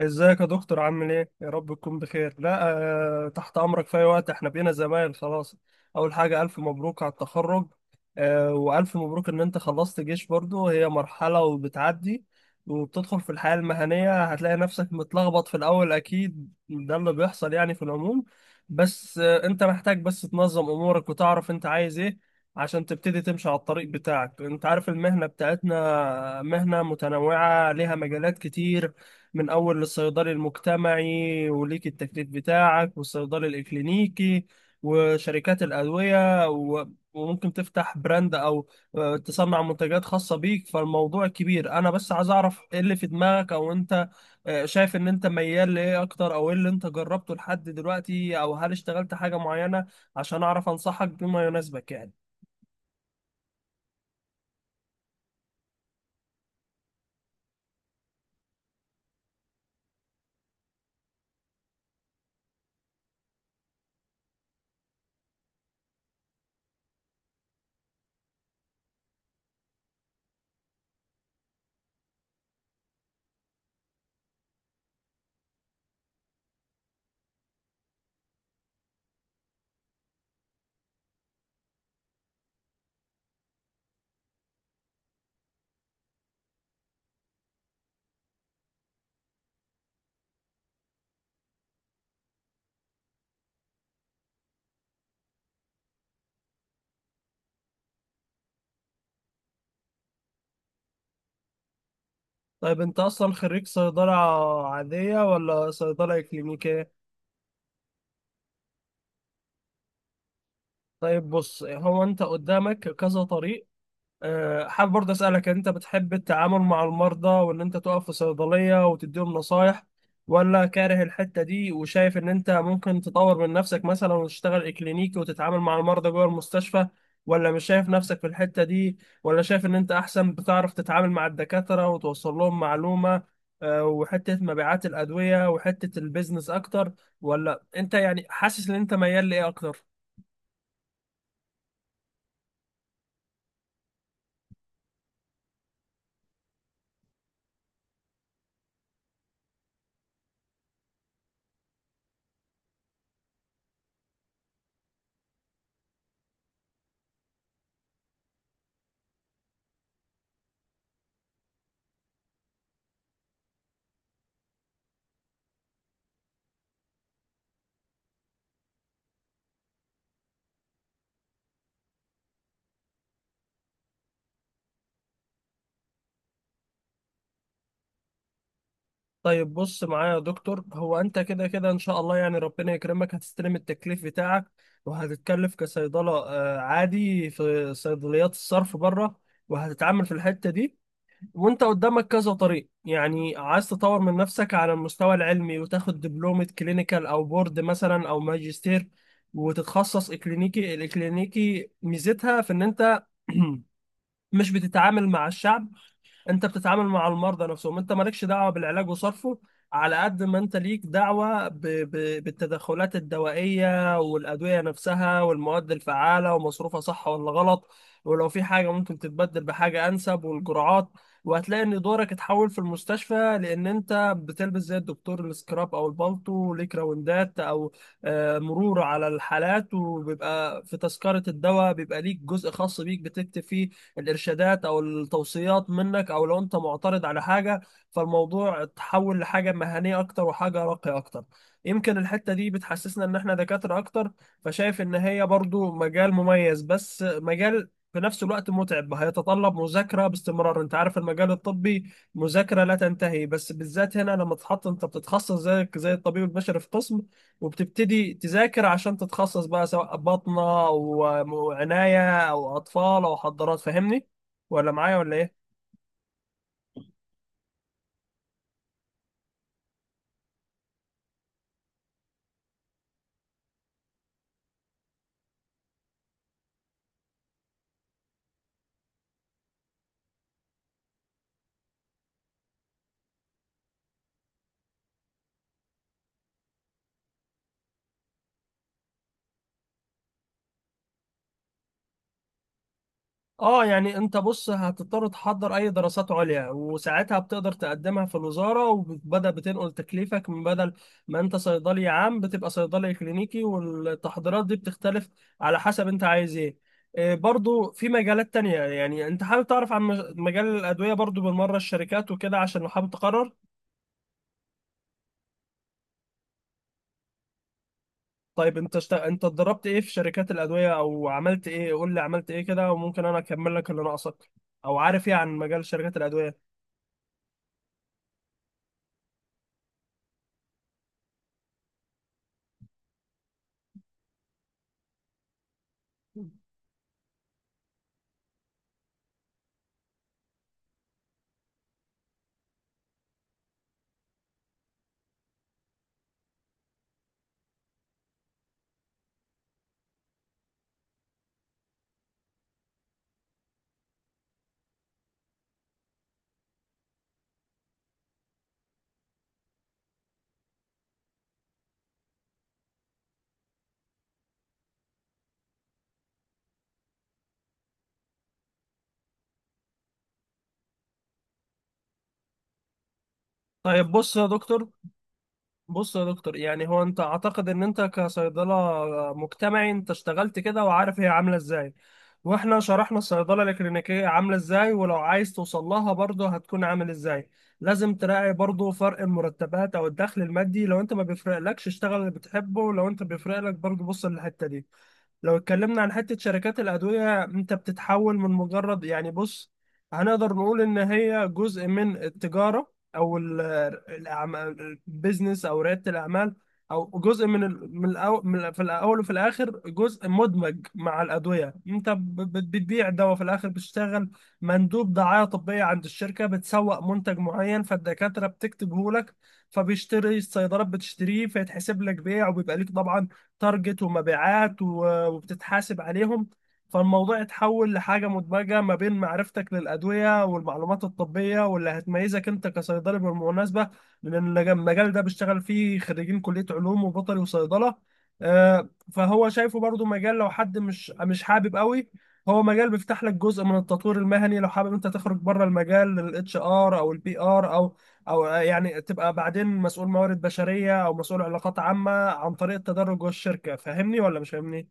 ازيك يا دكتور؟ عامل ايه؟ يا رب تكون بخير. لا، آه، تحت امرك في اي وقت. احنا بقينا زمايل خلاص. اول حاجة الف مبروك على التخرج. آه، والف مبروك ان انت خلصت جيش برضو، هي مرحلة وبتعدي وبتدخل في الحياة المهنية. هتلاقي نفسك متلخبط في الاول، اكيد ده اللي بيحصل يعني في العموم. بس انت محتاج بس تنظم امورك وتعرف انت عايز ايه عشان تبتدي تمشي على الطريق بتاعك. انت عارف المهنة بتاعتنا مهنة متنوعة ليها مجالات كتير، من أول الصيدلي المجتمعي وليك التكليف بتاعك، والصيدلي الإكلينيكي، وشركات الأدوية، وممكن تفتح براند، أو تصنع منتجات خاصة بيك. فالموضوع كبير، أنا بس عايز أعرف إيه اللي في دماغك، أو أنت شايف إن أنت ميال لإيه أكتر، أو إيه اللي أنت جربته لحد دلوقتي، أو هل اشتغلت حاجة معينة عشان أعرف أنصحك بما يناسبك يعني. طيب، أنت أصلا خريج صيدلة عادية ولا صيدلة إكلينيكية؟ طيب بص، هو انت قدامك كذا طريق. حابب برضه اسالك، انت بتحب التعامل مع المرضى وان انت تقف في صيدليه وتديهم نصايح، ولا كاره الحته دي وشايف ان انت ممكن تطور من نفسك مثلا وتشتغل كلينيكي وتتعامل مع المرضى جوه المستشفى، ولا مش شايف نفسك في الحته دي، ولا شايف ان انت احسن بتعرف تتعامل مع الدكاتره وتوصل لهم معلومه، وحته مبيعات الادويه وحته البيزنس اكتر؟ ولا انت يعني حاسس ان انت ميال لايه اكتر؟ طيب بص معايا يا دكتور، هو انت كده كده ان شاء الله يعني ربنا يكرمك هتستلم التكليف بتاعك، وهتتكلف كصيدلة عادي في صيدليات الصرف بره، وهتتعامل في الحتة دي. وانت قدامك كذا طريق، يعني عايز تطور من نفسك على المستوى العلمي وتاخد دبلومة كلينيكال او بورد مثلا او ماجستير وتتخصص اكلينيكي. الاكلينيكي ميزتها في ان انت مش بتتعامل مع الشعب، انت بتتعامل مع المرضى نفسهم. انت مالكش دعوه بالعلاج وصرفه، على قد ما انت ليك دعوه بالتدخلات الدوائيه والادويه نفسها والمواد الفعاله ومصروفها، صح ولا غلط، ولو في حاجه ممكن تتبدل بحاجه انسب، والجرعات. وهتلاقي ان دورك اتحول في المستشفى، لان انت بتلبس زي الدكتور السكراب او البالطو، وليك راوندات او مرور على الحالات، وبيبقى في تذكره الدواء بيبقى ليك جزء خاص بيك بتكتب فيه الارشادات او التوصيات منك، او لو انت معترض على حاجه. فالموضوع اتحول لحاجه مهنيه اكتر وحاجه راقيه اكتر. يمكن الحته دي بتحسسنا ان احنا دكاتره اكتر. فشايف ان هي برضو مجال مميز، بس مجال في نفس الوقت متعب، هيتطلب مذاكرة باستمرار. انت عارف المجال الطبي مذاكرة لا تنتهي، بس بالذات هنا لما تتحط انت بتتخصص زيك زي الطبيب البشري في قسم، وبتبتدي تذاكر عشان تتخصص بقى، سواء باطنة أو عناية أو أطفال أو حضارات. فاهمني ولا معايا ولا إيه؟ آه، يعني أنت بص هتضطر تحضر أي دراسات عليا، وساعتها بتقدر تقدمها في الوزارة وبدأ بتنقل تكليفك، من بدل ما أنت صيدلي عام بتبقى صيدلي كلينيكي. والتحضيرات دي بتختلف على حسب أنت عايز إيه. إيه برضو في مجالات تانية، يعني أنت حابب تعرف عن مجال الأدوية برضو بالمرة، الشركات وكده، عشان لو حابب تقرر؟ طيب انت انت اتدربت ايه في شركات الادويه او عملت ايه؟ قول لي عملت ايه كده وممكن انا اكمل لك اللي ناقصك، او عارف ايه عن مجال شركات الادويه. طيب بص يا دكتور بص يا دكتور، يعني هو انت اعتقد ان انت كصيدله مجتمعي انت اشتغلت كده وعارف هي عامله ازاي، واحنا شرحنا الصيدله الكلينيكيه عامله ازاي، ولو عايز توصل لها برضه هتكون عامل ازاي. لازم تراعي برضه فرق المرتبات او الدخل المادي. لو انت ما بيفرقلكش، اشتغل اللي بتحبه، لو انت بيفرقلك برضه بص للحته دي. لو اتكلمنا عن حتة شركات الأدوية، أنت بتتحول من مجرد يعني بص، هنقدر نقول إن هي جزء من التجارة أو الأعمال، البيزنس أو ريادة الأعمال، أو جزء من في الأول وفي الآخر جزء مدمج مع الأدوية. أنت بتبيع دواء في الآخر، بتشتغل مندوب دعاية طبية عند الشركة، بتسوق منتج معين فالدكاترة بتكتبه لك، فبيشتري الصيدلات بتشتريه، فيتحسب لك بيع، وبيبقى ليك طبعا تارجت ومبيعات وبتتحاسب عليهم. فالموضوع اتحول لحاجة مدمجة ما بين معرفتك للأدوية والمعلومات الطبية، واللي هتميزك أنت كصيدلي بالمناسبة، لأن المجال ده بيشتغل فيه خريجين كلية علوم وبيطري وصيدلة. فهو شايفه برضو مجال، لو حد مش حابب قوي، هو مجال بيفتح لك جزء من التطوير المهني لو حابب انت تخرج بره المجال، للاتش ار او البي ار، او او يعني تبقى بعدين مسؤول موارد بشريه او مسؤول علاقات عامه عن طريق التدرج جوه الشركه. فاهمني ولا مش فاهمني؟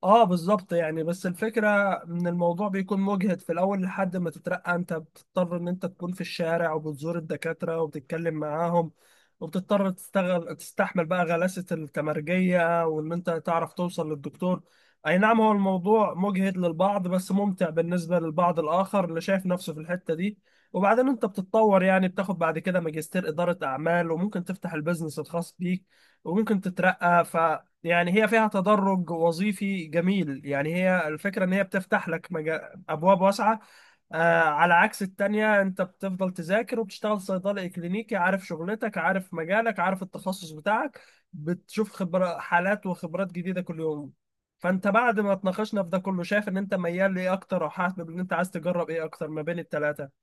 اه بالظبط، يعني بس الفكرة ان الموضوع بيكون مجهد في الاول لحد ما تترقى. انت بتضطر ان انت تكون في الشارع وبتزور الدكاترة وبتتكلم معاهم، وبتضطر تستغل تستحمل بقى غلاسة التمرجية، وان انت تعرف توصل للدكتور. اي نعم، هو الموضوع مجهد للبعض بس ممتع بالنسبة للبعض الاخر اللي شايف نفسه في الحتة دي. وبعدين انت بتتطور يعني، بتاخد بعد كده ماجستير ادارة اعمال، وممكن تفتح البيزنس الخاص بيك، وممكن تترقى. يعني هي فيها تدرج وظيفي جميل. يعني هي الفكرة ان هي بتفتح لك ابواب واسعة، آه، على عكس التانية انت بتفضل تذاكر وبتشتغل صيدلي كلينيكي، عارف شغلتك، عارف مجالك، عارف التخصص بتاعك، بتشوف خبرة حالات وخبرات جديدة كل يوم. فانت بعد ما اتناقشنا في ده كله، شايف ان انت ميال لايه اكتر، او حاسب ان انت عايز تجرب ايه اكتر ما بين التلاتة؟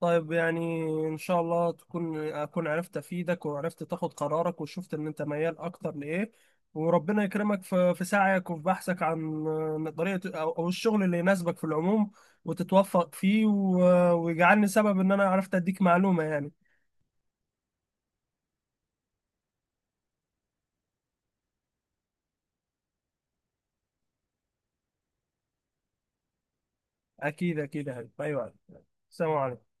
طيب، يعني ان شاء الله تكون اكون عرفت افيدك، وعرفت تاخد قرارك، وشفت ان انت ميال اكتر لايه. وربنا يكرمك في سعيك وفي بحثك عن طريقة او أو الشغل اللي يناسبك في العموم، وتتوفق فيه، ويجعلني سبب ان انا عرفت اديك معلومة يعني. اكيد اكيد يا حبيبي. ايوه، السلام عليكم.